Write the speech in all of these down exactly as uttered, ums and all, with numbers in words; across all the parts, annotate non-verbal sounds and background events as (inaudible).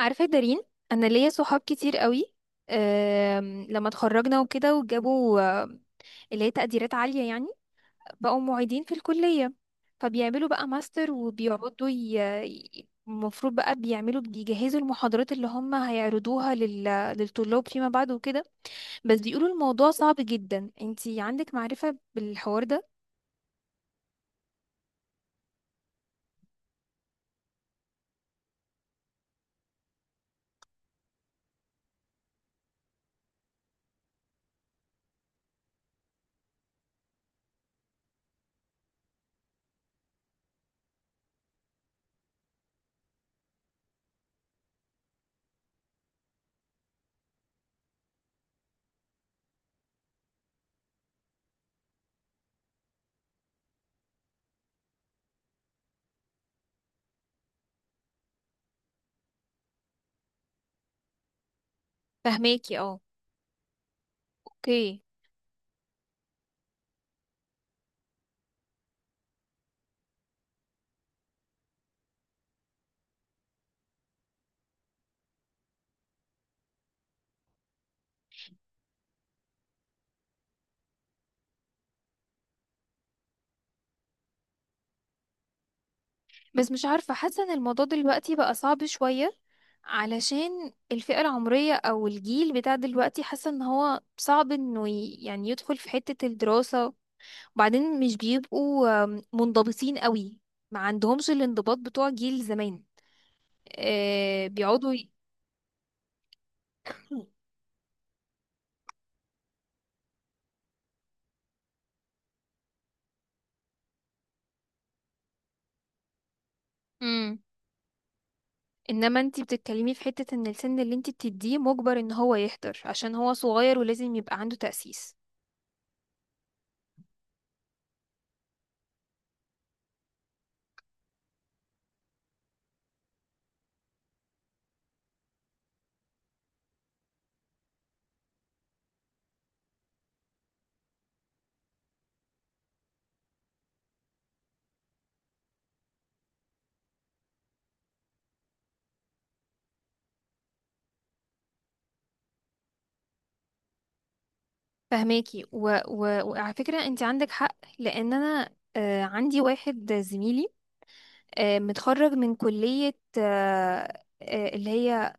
عارفة يا دارين، أنا ليا صحاب كتير قوي. أم، لما اتخرجنا وكده وجابوا أم، اللي هي تقديرات عالية يعني، بقوا معيدين في الكلية، فبيعملوا بقى ماستر وبيقعدوا ي... ي- المفروض بقى بيعملوا بيجهزوا المحاضرات اللي هم هيعرضوها لل... للطلاب فيما بعد وكده. بس بيقولوا الموضوع صعب جدا، انتي عندك معرفة بالحوار ده؟ فهماكي اه. اوكي. بس مش عارفة، حاسة ان الموضوع دلوقتي بقى صعب شوية، علشان الفئة العمرية او الجيل بتاع دلوقتي، حاسة ان هو صعب انه ي- يعني يدخل في حتة الدراسة، وبعدين مش بيبقوا آم، منضبطين قوي، ما عندهمش الانضباط بتوع جيل زمان. آه بيقعدوا ي... (clears throat) مم. انما انتي بتتكلمي في حتة ان السن اللي انتي بتديه مجبر ان هو يحضر، عشان هو صغير ولازم يبقى عنده تأسيس. فهماكي، و... و... وعلى فكرة انت عندك حق، لان انا آه، عندي واحد زميلي آه، متخرج من كلية آه، آه، اللي هي،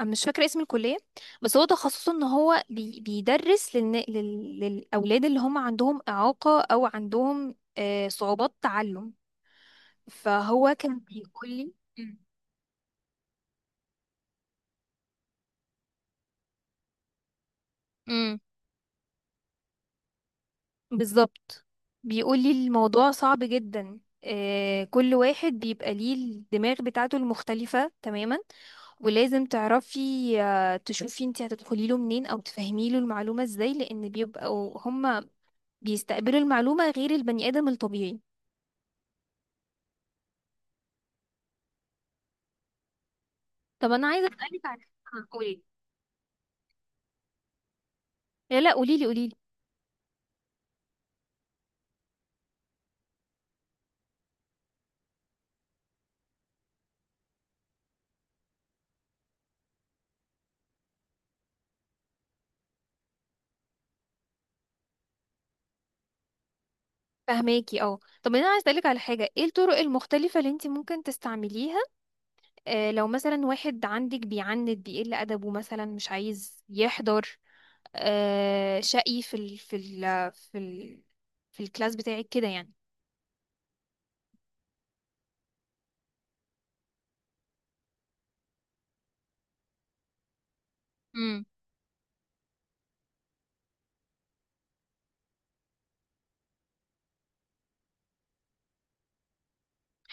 أنا مش فاكرة اسم الكلية، بس هو تخصصه ان هو بي... بيدرس للن... لل... للأولاد اللي هم عندهم إعاقة او عندهم آه، صعوبات تعلم. فهو كان بيقول لي. بالظبط. بيقولي الموضوع صعب جدا، آه، كل واحد بيبقى ليه الدماغ بتاعته المختلفة تماما، ولازم تعرفي آه، تشوفي انت هتدخلي له منين او تفهمي له المعلومة ازاي، لان بيبقوا هما بيستقبلوا المعلومة غير البني ادم الطبيعي. طب انا عايزة اسألك على حاجة. آه، قولي. لا لا، قوليلي قوليلي. فهماكي اه. طب انا عايزة اسألك على حاجة، ايه الطرق المختلفة اللي انت ممكن تستعمليها آه، لو مثلا واحد عندك بيعند بيقل ادبه مثلا مش عايز يحضر، آه، شقي في ال في ال في ال في الكلاس بتاعك كده يعني؟ امم.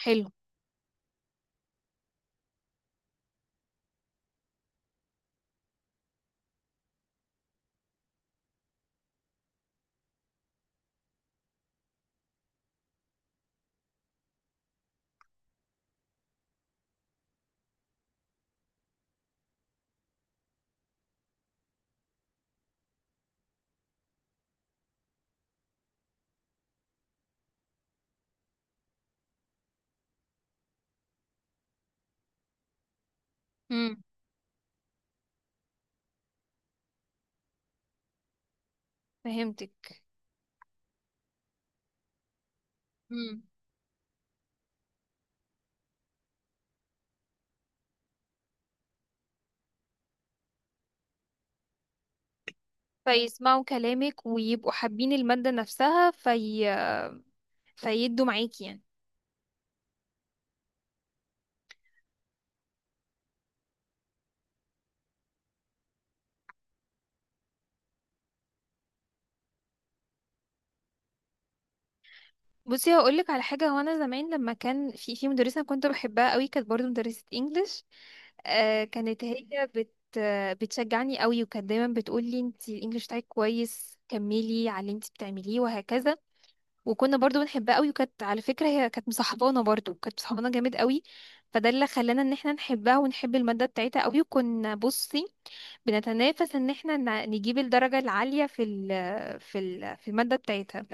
حلو. امم. فهمتك. امم. فيسمعوا كلامك ويبقوا حابين المادة نفسها، في، فيدوا معاكي يعني. بصي، هقولك على حاجة، هو أنا زمان لما كان في في مدرسة كنت بحبها قوي، كانت برضو مدرسة انجلش. آه كانت هي بت بتشجعني قوي، وكانت دايما بتقولي انتي الانجليش بتاعك كويس كملي على اللي انتي بتعمليه وهكذا. وكنا برضو بنحبها قوي، وكانت على فكرة هي كانت مصاحبانا، برضو كانت مصاحبانا جامد قوي، فده اللي خلانا ان احنا نحبها ونحب المادة بتاعتها قوي. وكنا بصي بنتنافس ان احنا ن- نجيب الدرجة العالية في ال في ال في المادة بتاعتها.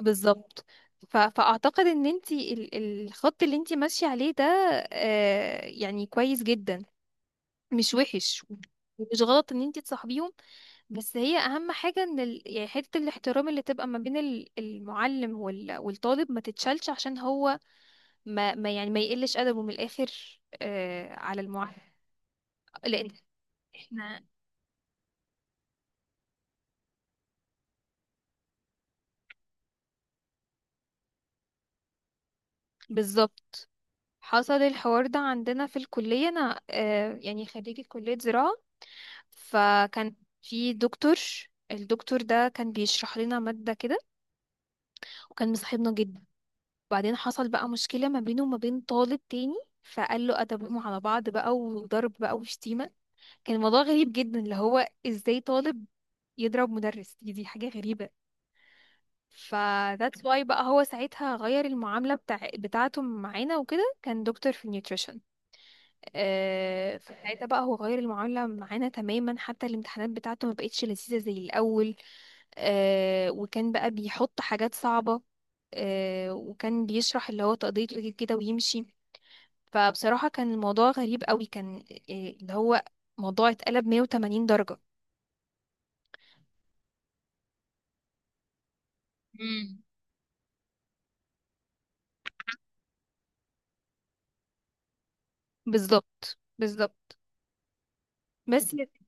بالظبط. ف- فاعتقد ان انتي ال- الخط اللي انتي ماشية عليه ده آه، يعني كويس جدا، مش وحش، ومش غلط ان انتي تصاحبيهم. بس هي اهم حاجه ان ال... يعني حته الاحترام اللي تبقى ما بين ال- المعلم وال... والطالب ما تتشالش، عشان هو ما, ما يعني ما يقلش ادبه من الاخر آه على المعلم. لان احنا، بالظبط. حصل الحوار ده عندنا في الكليه، انا آه يعني خريجه كليه زراعه، فكان في دكتور. الدكتور ده كان بيشرح لنا ماده كده، وكان مصاحبنا جدا. وبعدين حصل بقى مشكله ما بينه وما بين طالب تاني، فقال له ادبهم على بعض بقى، وضرب بقى وشتيمه. كان الموضوع غريب جدا، اللي هو ازاي طالب يضرب مدرس؟ دي دي حاجة غريبة. ف that's why بقى هو ساعتها غير المعاملة بتاع بتاعته معانا وكده، كان دكتور في النيوتريشن. آه فساعتها بقى هو غير المعاملة معانا تماما، حتى الامتحانات بتاعته ما بقتش لذيذة زي الأول. آه وكان بقى بيحط حاجات صعبة. آه وكان بيشرح اللي هو تقضية واجب كده ويمشي. فبصراحة كان الموضوع غريب قوي، كان آه اللي هو موضوع اتقلب مية وتمانين درجة. بالظبط بالظبط. بس يا ستي،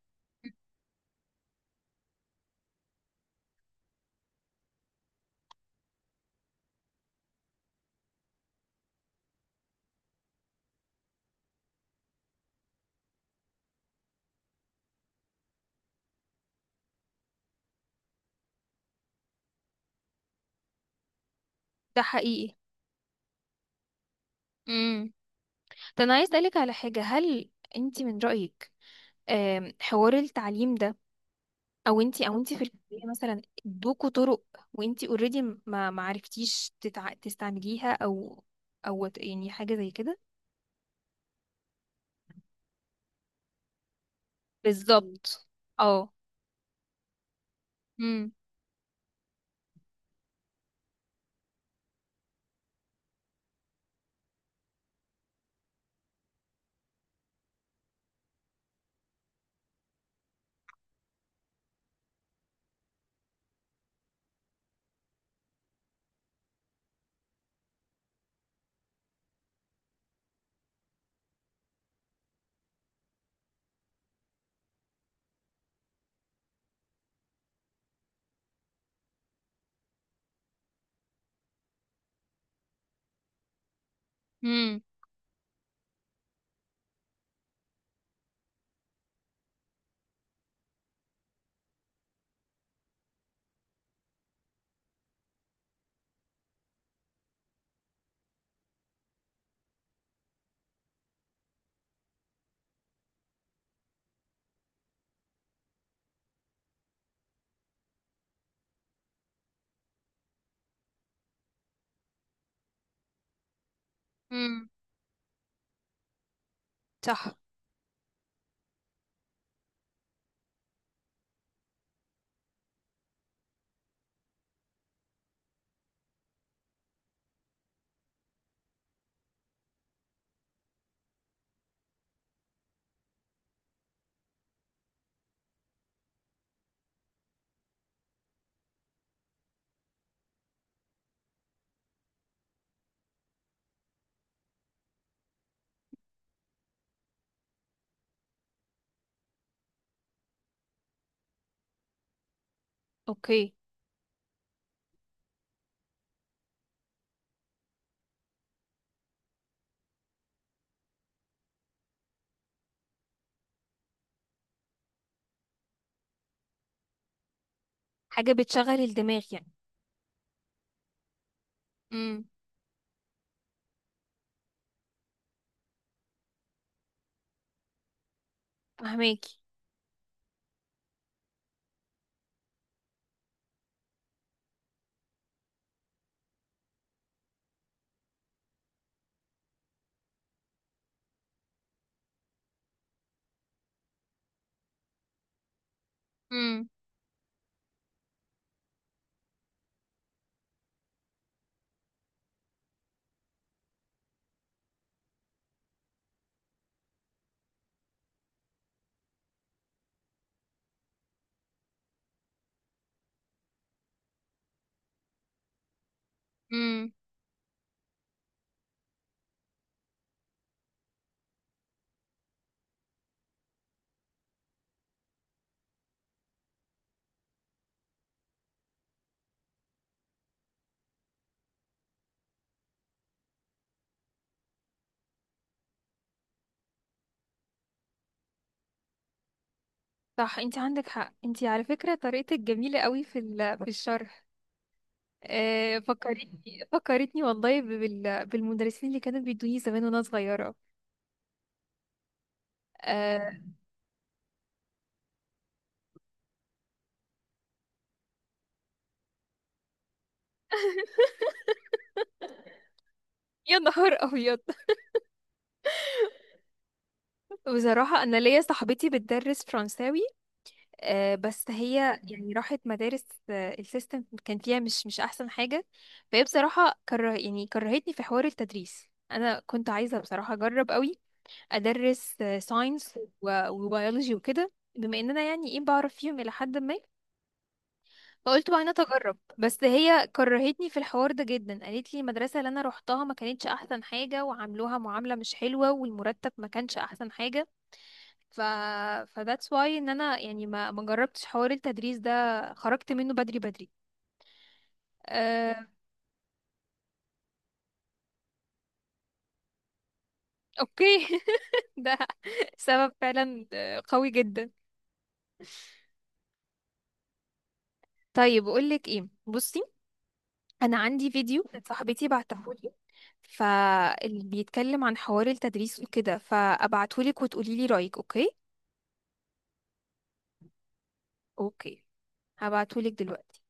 ده حقيقي. امم. ده انا عايز اسالك على حاجه، هل انت من رايك آم، حوار التعليم ده، او انت، او انت في الكليه مثلا ادوكوا طرق وانت اوريدي ما ما عرفتيش تتع... تستعمليها، او او وات- يعني حاجه زي كده؟ بالظبط. اه. امم. امم. امم. صح. اوكي. حاجه بتشغل الدماغ يعني. امم. فهماكي. امم. صح انت عندك حق، انت على فكرة طريقتك جميلة قوي في ال- (laughs) في الشرح. آه، فكرتني فكرتني والله ب- بال- بالمدرسين اللي كانوا بيدوني زمان وانا صغيرة. آه، يا نهار ابيض. (laughs) بصراحة انا ليا صاحبتي بتدرس فرنساوي آه، بس هي يعني راحت مدارس، آه، السيستم كان فيها مش مش احسن حاجة. فهي بصراحة كره، يعني كرهتني في حوار التدريس. انا كنت عايزة بصراحة اجرب قوي، ادرس ساينس وبيولوجي وكده، بما ان انا يعني ايه بعرف فيهم الى حد ما، فقلت بقى انا اتجرب. بس هي كرهتني في الحوار ده جدا، قالت لي المدرسه اللي انا روحتها ما كانتش احسن حاجه، وعاملوها معامله مش حلوه، والمرتب ما كانش احسن حاجه. ف ف that's why ان انا يعني ما ما جربتش حوار التدريس ده، خرجت منه بدري بدري. أه... اوكي. (laughs) ده سبب فعلا آه، قوي جدا. طيب اقول لك ايه، بصي، انا عندي فيديو كانت صاحبتي بعتهولي، فاللي بيتكلم عن حوار التدريس وكده، فابعتهولك وتقولي لي رايك، اوكي؟ اوكي. هبعتهولك دلوقتي.